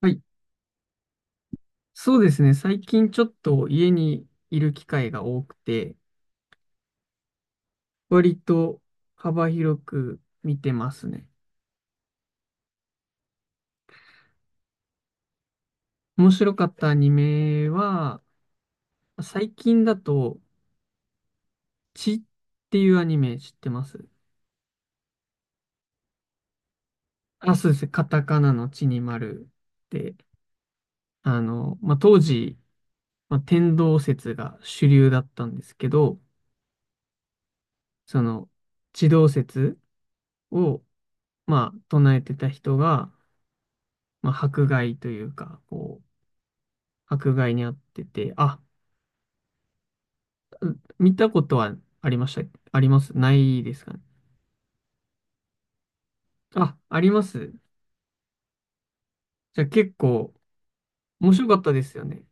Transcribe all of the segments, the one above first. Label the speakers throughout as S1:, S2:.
S1: はい、そうですね。最近ちょっと家にいる機会が多くて、割と幅広く見てますね。面白かったアニメは、最近だと、血っていうアニメ知ってます？あ、そうですね。カタカナの血に丸で、当時、天動説が主流だったんですけど、その、地動説を、唱えてた人が、迫害というか、迫害にあってて、見たことはありました。ありますないですかね。あ、あります。じゃあ結構面白かったですよね。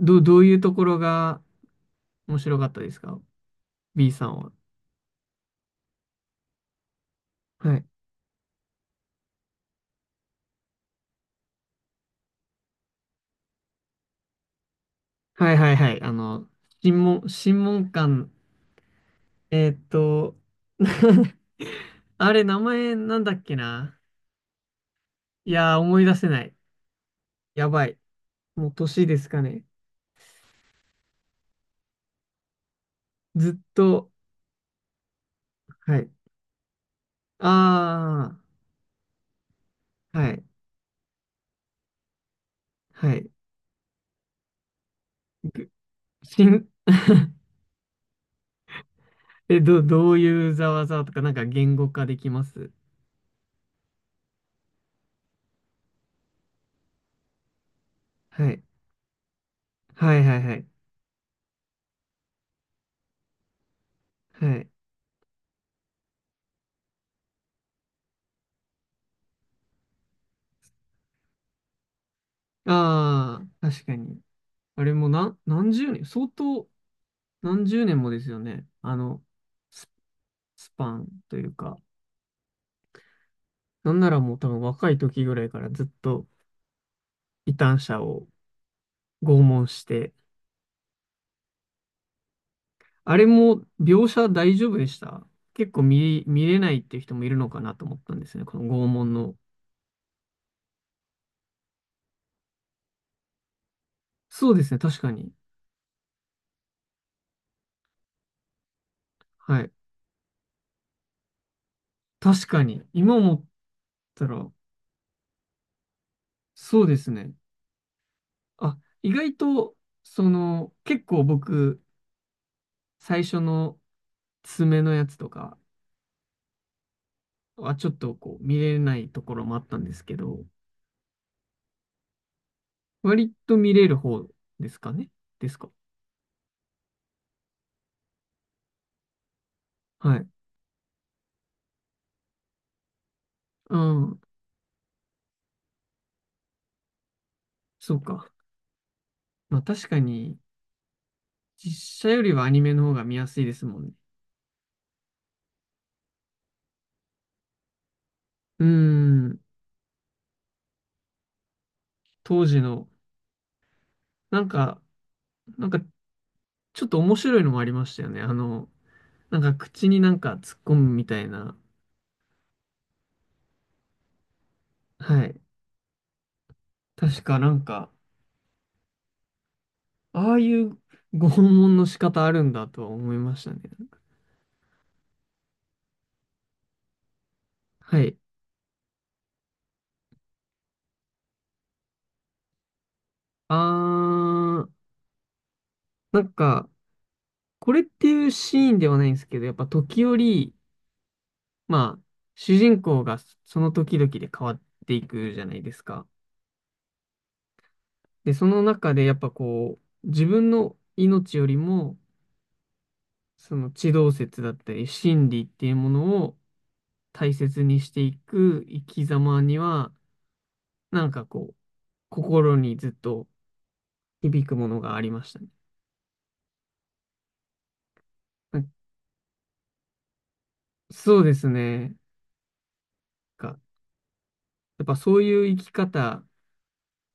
S1: どういうところが面白かったですか？ B さんは。はい。はいはいはい。あの、審問、審問官、えーっと、あれ、名前なんだっけな。いやー、思い出せない。やばい。もう年ですかね。ずっと、はい。ああ、はい、はい。しん どういうざわざわとか、なんか言語化できます？はい。はいはいはい。はい。ああ、確かに。あれもな、何十年、相当何十年もですよね。あの、スパンというか。なんならもう多分若い時ぐらいからずっと異端者を拷問して。あれも描写大丈夫でした？結構見れないっていう人もいるのかなと思ったんですね。この拷問の。そうですね、確かに。はい。確かに。今思たら、そうですね。あ、意外と、その、結構僕、最初の爪のやつとかはちょっとこう見れないところもあったんですけど、割と見れる方ですかねですか？はい。うん。そうか。まあ確かに、実写よりはアニメの方が見やすいですもんね。うん。当時の、なんか、なんかちょっと面白いのもありましたよね。あの、なんか口になんか突っ込むみたいな。はい。確かなんか、ああいうご訪問の仕方あるんだとは思いましたね。はい。あー、なんか、これっていうシーンではないんですけど、やっぱ時折、まあ、主人公がその時々で変わっていくじゃないですか。で、その中でやっぱこう、自分の命よりも、その地動説だったり、真理っていうものを大切にしていく生き様には、なんかこう、心にずっと、響くものがありましたね。そうですね。かやっぱそういう生き方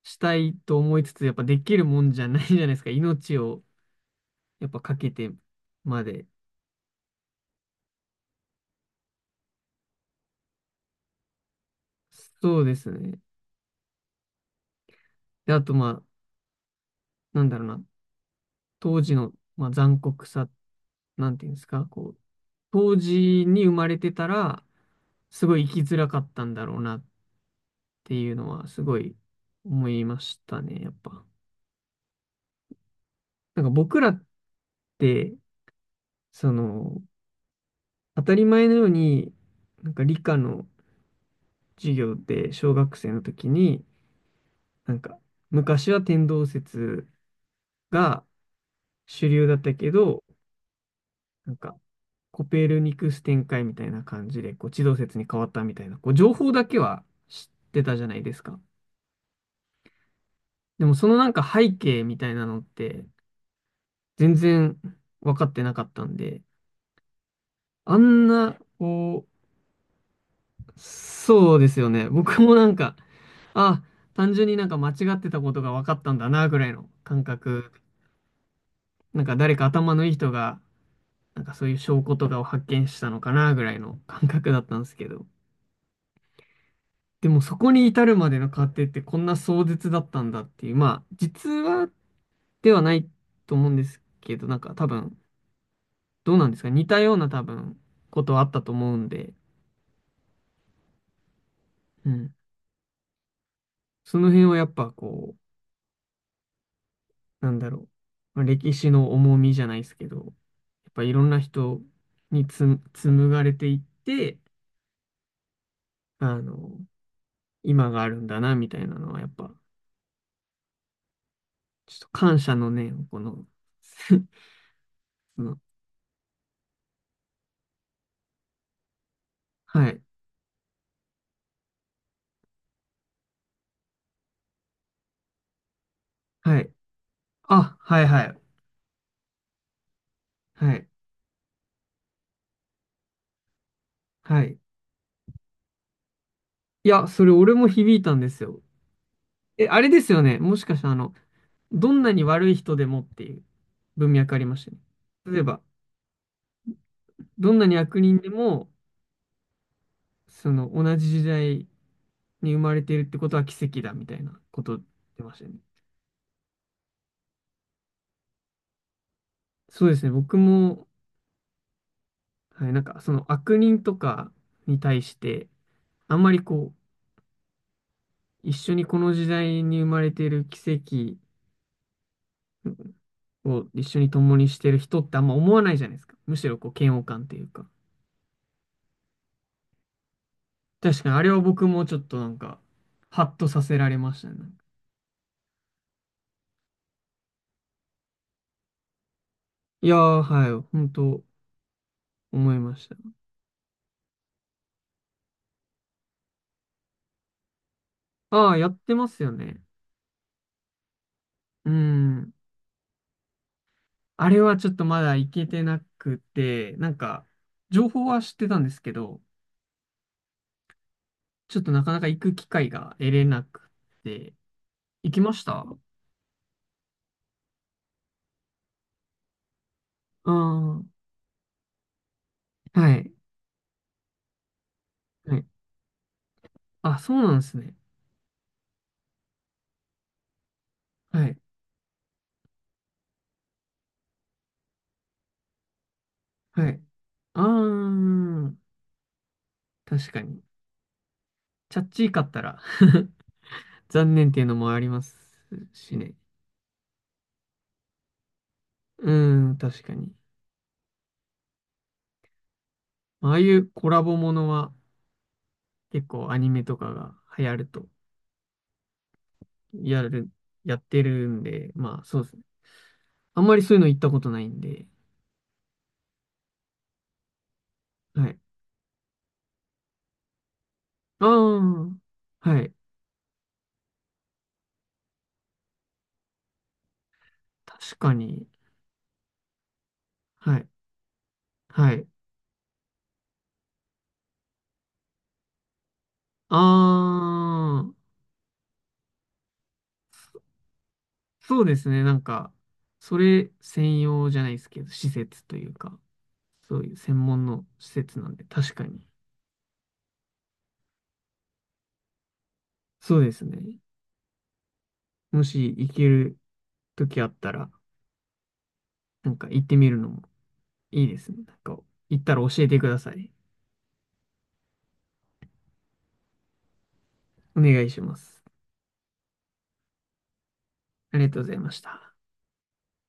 S1: したいと思いつつ、やっぱできるもんじゃないじゃないですか。命をやっぱかけてまで。そうですね。で、あとまあ、なんだろうな。当時の、まあ、残酷さ、なんていうんですか、こう、当時に生まれてたら、すごい生きづらかったんだろうなっていうのは、すごい思いましたね、やっぱ。なんか僕らって、その、当たり前のように、なんか理科の授業で小学生の時に、なんか昔は天動説が主流だったけど、なんかコペルニクス展開みたいな感じで、こう地動説に変わったみたいな、こう情報だけは知ってたじゃないですか。でもそのなんか背景みたいなのって全然分かってなかったんで、あんな、こう、そうですよね。僕もなんかあ、単純になんか間違ってたことが分かったんだな、ぐらいの感覚。なんか誰か頭のいい人が、なんかそういう証拠とかを発見したのかな、ぐらいの感覚だったんですけど。でもそこに至るまでの過程ってこんな壮絶だったんだっていう、まあ、実話ではないと思うんですけど、なんか多分、どうなんですか似たような多分、ことはあったと思うんで、うん。その辺はやっぱこう、なんだろう。まあ歴史の重みじゃないですけど、やっぱいろんな人に紡がれていって、あの、今があるんだな、みたいなのは、やっぱ、ちょっと感謝の念を、この、その、はい、はい、あ、はい、はい、はい、はい。いや、それ俺も響いたんですよ。え、あれですよね。もしかして、あの、どんなに悪い人でもっていう文脈ありましたね。例えば、どんなに悪人でも、その、同じ時代に生まれているってことは奇跡だ、みたいなこと言ってましたね。そうですね。僕も、はい、なんかその悪人とかに対して、あんまりこう、一緒にこの時代に生まれている奇跡を一緒に共にしてる人ってあんま思わないじゃないですか。むしろこう、嫌悪感っていうか。確かにあれは僕もちょっとなんか、ハッとさせられましたね。なんかいやー、はい、本当思いました。ああ、やってますよね。うん。あれはちょっとまだ行けてなくて、なんか、情報は知ってたんですけど、ちょっとなかなか行く機会が得れなくて、行きましたあ？あー、はい。はい。あ、そうなんですね。はい。はい。ああ、確かに。チャッチーかったら 残念っていうのもありますしね。うん、確かに。まああいうコラボものは結構アニメとかが流行ると、やる、やってるんで、まあそうですね。あんまりそういうの行ったことないんで。はい。ああ、はい。確かに。はい。はい。ああ、そうですね。なんか、それ専用じゃないですけど、施設というか、そういう専門の施設なんで、確かに。そうですね。もし行ける時あったら、なんか行ってみるのもいいですね。なんか、行ったら教えてください。お願いします。ありがとうございました。